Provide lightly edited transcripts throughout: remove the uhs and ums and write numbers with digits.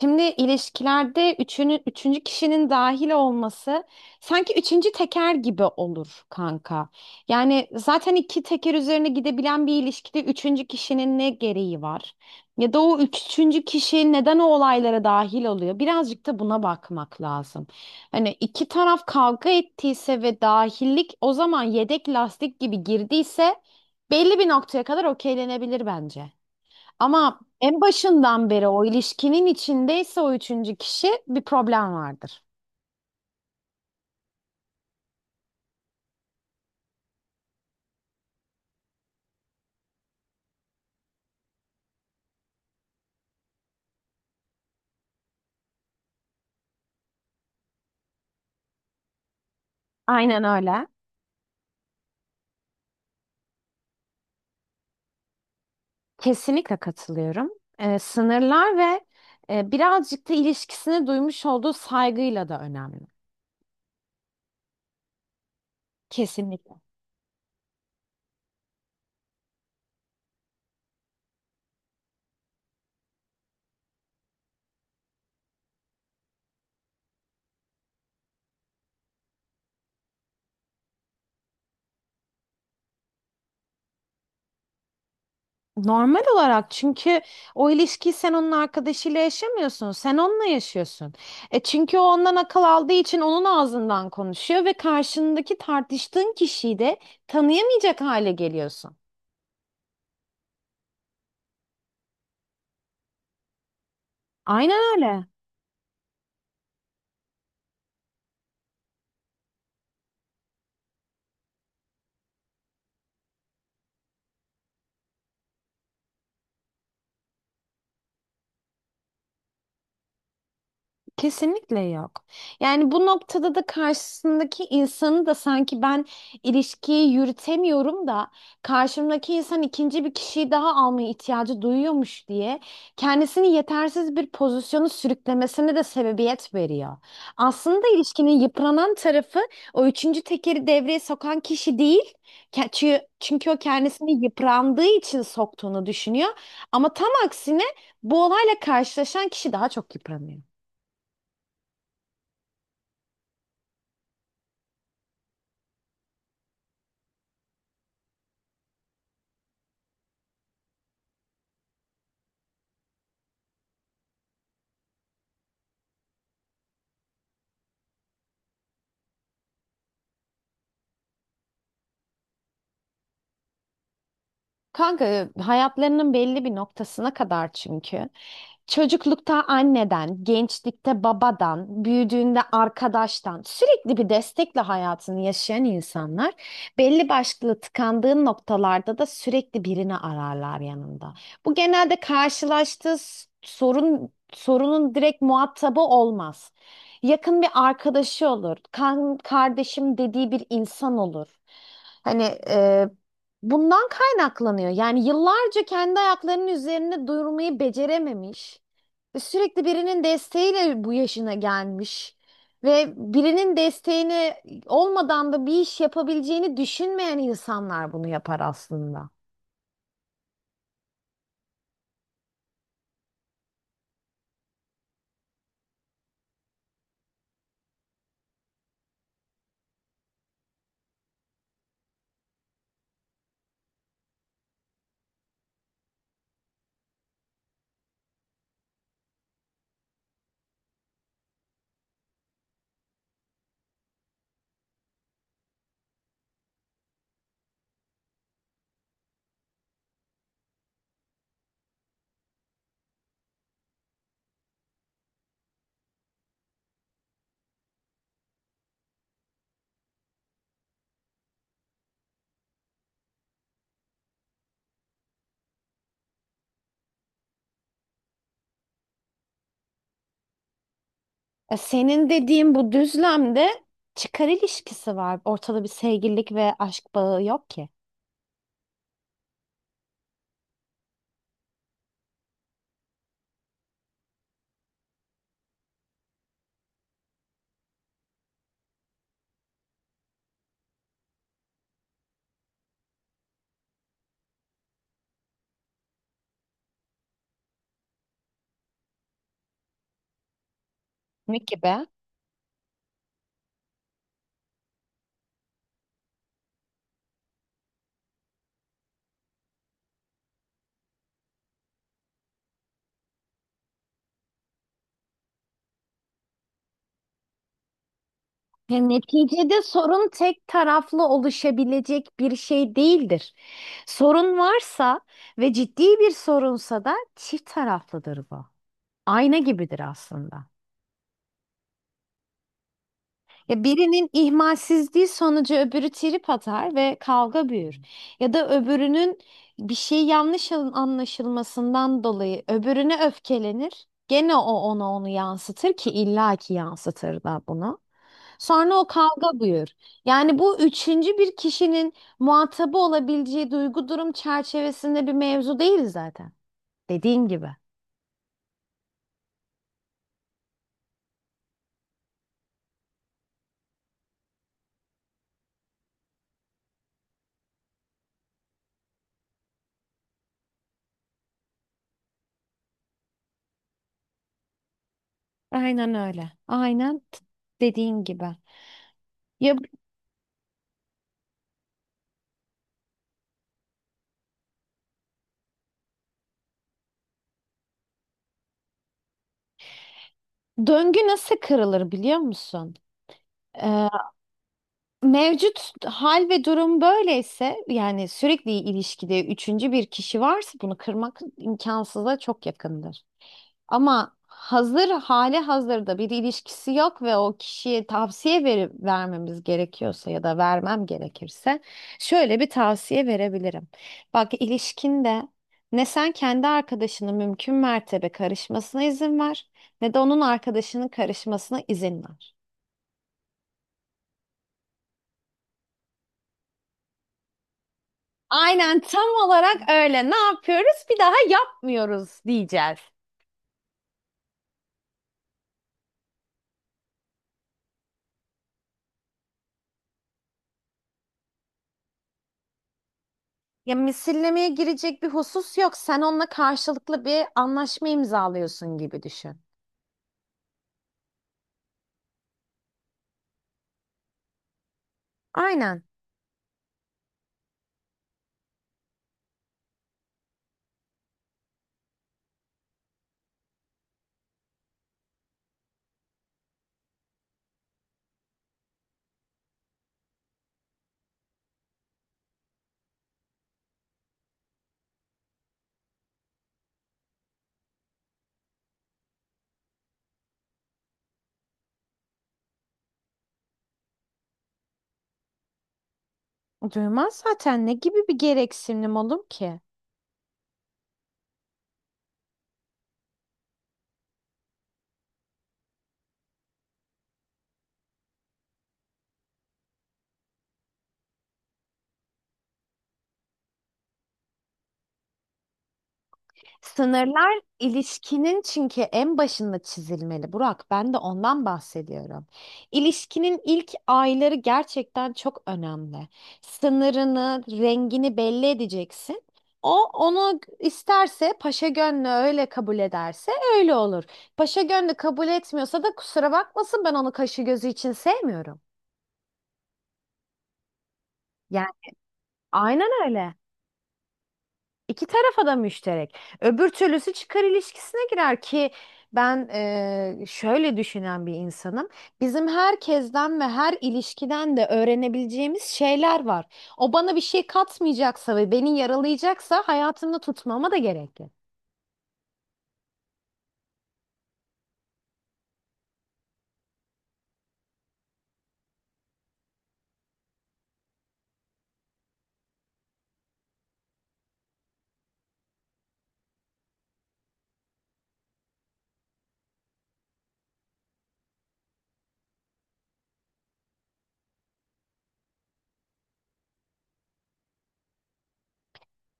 Şimdi ilişkilerde üçüncü kişinin dahil olması sanki üçüncü teker gibi olur kanka. Yani zaten iki teker üzerine gidebilen bir ilişkide üçüncü kişinin ne gereği var? Ya da o üçüncü kişi neden o olaylara dahil oluyor? Birazcık da buna bakmak lazım. Hani iki taraf kavga ettiyse ve dahillik o zaman yedek lastik gibi girdiyse belli bir noktaya kadar okeylenebilir bence. Ama en başından beri o ilişkinin içindeyse o üçüncü kişi bir problem vardır. Aynen öyle. Kesinlikle katılıyorum. Sınırlar ve birazcık da ilişkisine duymuş olduğu saygıyla da önemli. Kesinlikle. Normal olarak çünkü o ilişkiyi sen onun arkadaşıyla yaşamıyorsun. Sen onunla yaşıyorsun. E çünkü o ondan akıl aldığı için onun ağzından konuşuyor ve karşındaki tartıştığın kişiyi de tanıyamayacak hale geliyorsun. Aynen öyle. Kesinlikle yok. Yani bu noktada da karşısındaki insanı da sanki ben ilişkiyi yürütemiyorum da karşımdaki insan ikinci bir kişiyi daha almaya ihtiyacı duyuyormuş diye kendisini yetersiz bir pozisyonu sürüklemesine de sebebiyet veriyor. Aslında ilişkinin yıpranan tarafı o üçüncü tekeri devreye sokan kişi değil. Çünkü, çünkü o kendisini yıprandığı için soktuğunu düşünüyor. Ama tam aksine bu olayla karşılaşan kişi daha çok yıpranıyor. Kanka hayatlarının belli bir noktasına kadar çünkü. Çocuklukta anneden, gençlikte babadan, büyüdüğünde arkadaştan sürekli bir destekle hayatını yaşayan insanlar belli başlı tıkandığı noktalarda da sürekli birini ararlar yanında. Bu genelde karşılaştığı sorun sorunun direkt muhatabı olmaz. Yakın bir arkadaşı olur, kan, kardeşim dediği bir insan olur. Hani bundan kaynaklanıyor. Yani yıllarca kendi ayaklarının üzerinde durmayı becerememiş ve sürekli birinin desteğiyle bu yaşına gelmiş ve birinin desteğini olmadan da bir iş yapabileceğini düşünmeyen insanlar bunu yapar aslında. E, senin dediğin bu düzlemde çıkar ilişkisi var. Ortada bir sevgililik ve aşk bağı yok ki. Ne gibi? Ya neticede sorun tek taraflı oluşabilecek bir şey değildir. Sorun varsa ve ciddi bir sorunsa da çift taraflıdır bu. Ayna gibidir aslında. Ya birinin ihmalsizliği sonucu öbürü trip atar ve kavga büyür. Ya da öbürünün bir şey anlaşılmasından dolayı öbürüne öfkelenir. Gene o ona onu yansıtır ki illaki yansıtır da bunu. Sonra o kavga buyur. Yani bu üçüncü bir kişinin muhatabı olabileceği duygu durum çerçevesinde bir mevzu değil zaten. Dediğin gibi. Aynen öyle. Dediğin gibi. Ya döngü nasıl kırılır biliyor musun? Ee, Mevcut hal ve durum böyleyse yani sürekli ilişkide üçüncü bir kişi varsa bunu kırmak imkansıza çok yakındır. Ama hazır hali hazırda bir ilişkisi yok ve o kişiye tavsiye verip vermemiz gerekiyorsa ya da vermem gerekirse şöyle bir tavsiye verebilirim. Bak ilişkinde ne sen kendi arkadaşının mümkün mertebe karışmasına izin ver ne de onun arkadaşının karışmasına izin ver. Aynen tam olarak öyle. Ne yapıyoruz? Bir daha yapmıyoruz diyeceğiz. Ya misillemeye girecek bir husus yok. Sen onunla karşılıklı bir anlaşma imzalıyorsun gibi düşün. Aynen. Duymaz zaten, ne gibi bir gereksinim olur ki? Sınırlar ilişkinin çünkü en başında çizilmeli Burak. Ben de ondan bahsediyorum. İlişkinin ilk ayları gerçekten çok önemli. Sınırını, rengini belli edeceksin. O onu isterse paşa gönlü öyle kabul ederse öyle olur. Paşa gönlü kabul etmiyorsa da kusura bakmasın, ben onu kaşı gözü için sevmiyorum. Yani aynen öyle. İki tarafa da müşterek. Öbür türlüsü çıkar ilişkisine girer ki ben şöyle düşünen bir insanım. Bizim herkesten ve her ilişkiden de öğrenebileceğimiz şeyler var. O bana bir şey katmayacaksa ve beni yaralayacaksa hayatımda tutmama da gerek yok.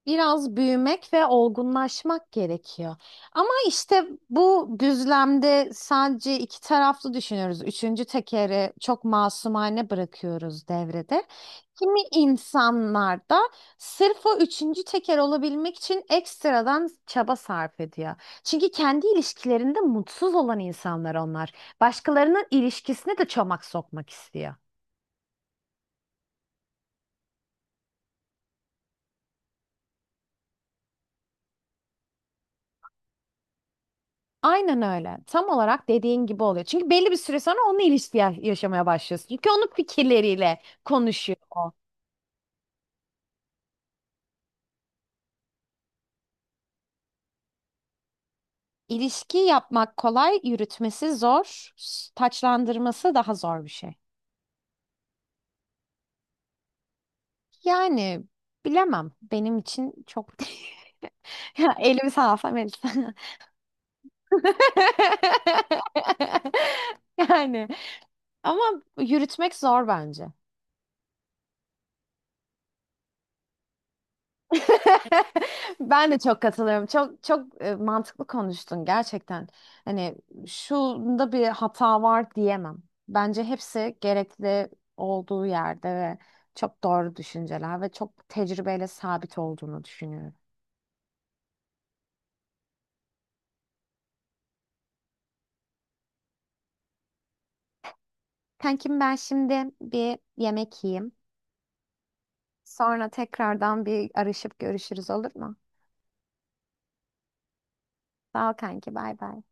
Biraz büyümek ve olgunlaşmak gerekiyor. Ama işte bu düzlemde sadece iki taraflı düşünüyoruz. Üçüncü tekeri çok masumane bırakıyoruz devrede. Kimi insanlar da sırf o üçüncü teker olabilmek için ekstradan çaba sarf ediyor. Çünkü kendi ilişkilerinde mutsuz olan insanlar onlar. Başkalarının ilişkisine de çomak sokmak istiyor. Aynen öyle. Tam olarak dediğin gibi oluyor. Çünkü belli bir süre sonra onunla ilişki yaşamaya başlıyorsun. Çünkü onun fikirleriyle konuşuyor o. İlişki yapmak kolay, yürütmesi zor, taçlandırması daha zor bir şey. Yani bilemem. Benim için çok... Ya elim sağ Melisa. Yani ama yürütmek zor bence. Ben de çok katılıyorum. Çok çok mantıklı konuştun gerçekten. Hani şunda bir hata var diyemem. Bence hepsi gerekli olduğu yerde ve çok doğru düşünceler ve çok tecrübeyle sabit olduğunu düşünüyorum. Kankim ben şimdi bir yemek yiyeyim. Sonra tekrardan bir arışıp görüşürüz olur mu? Sağ ol kanki bay bay.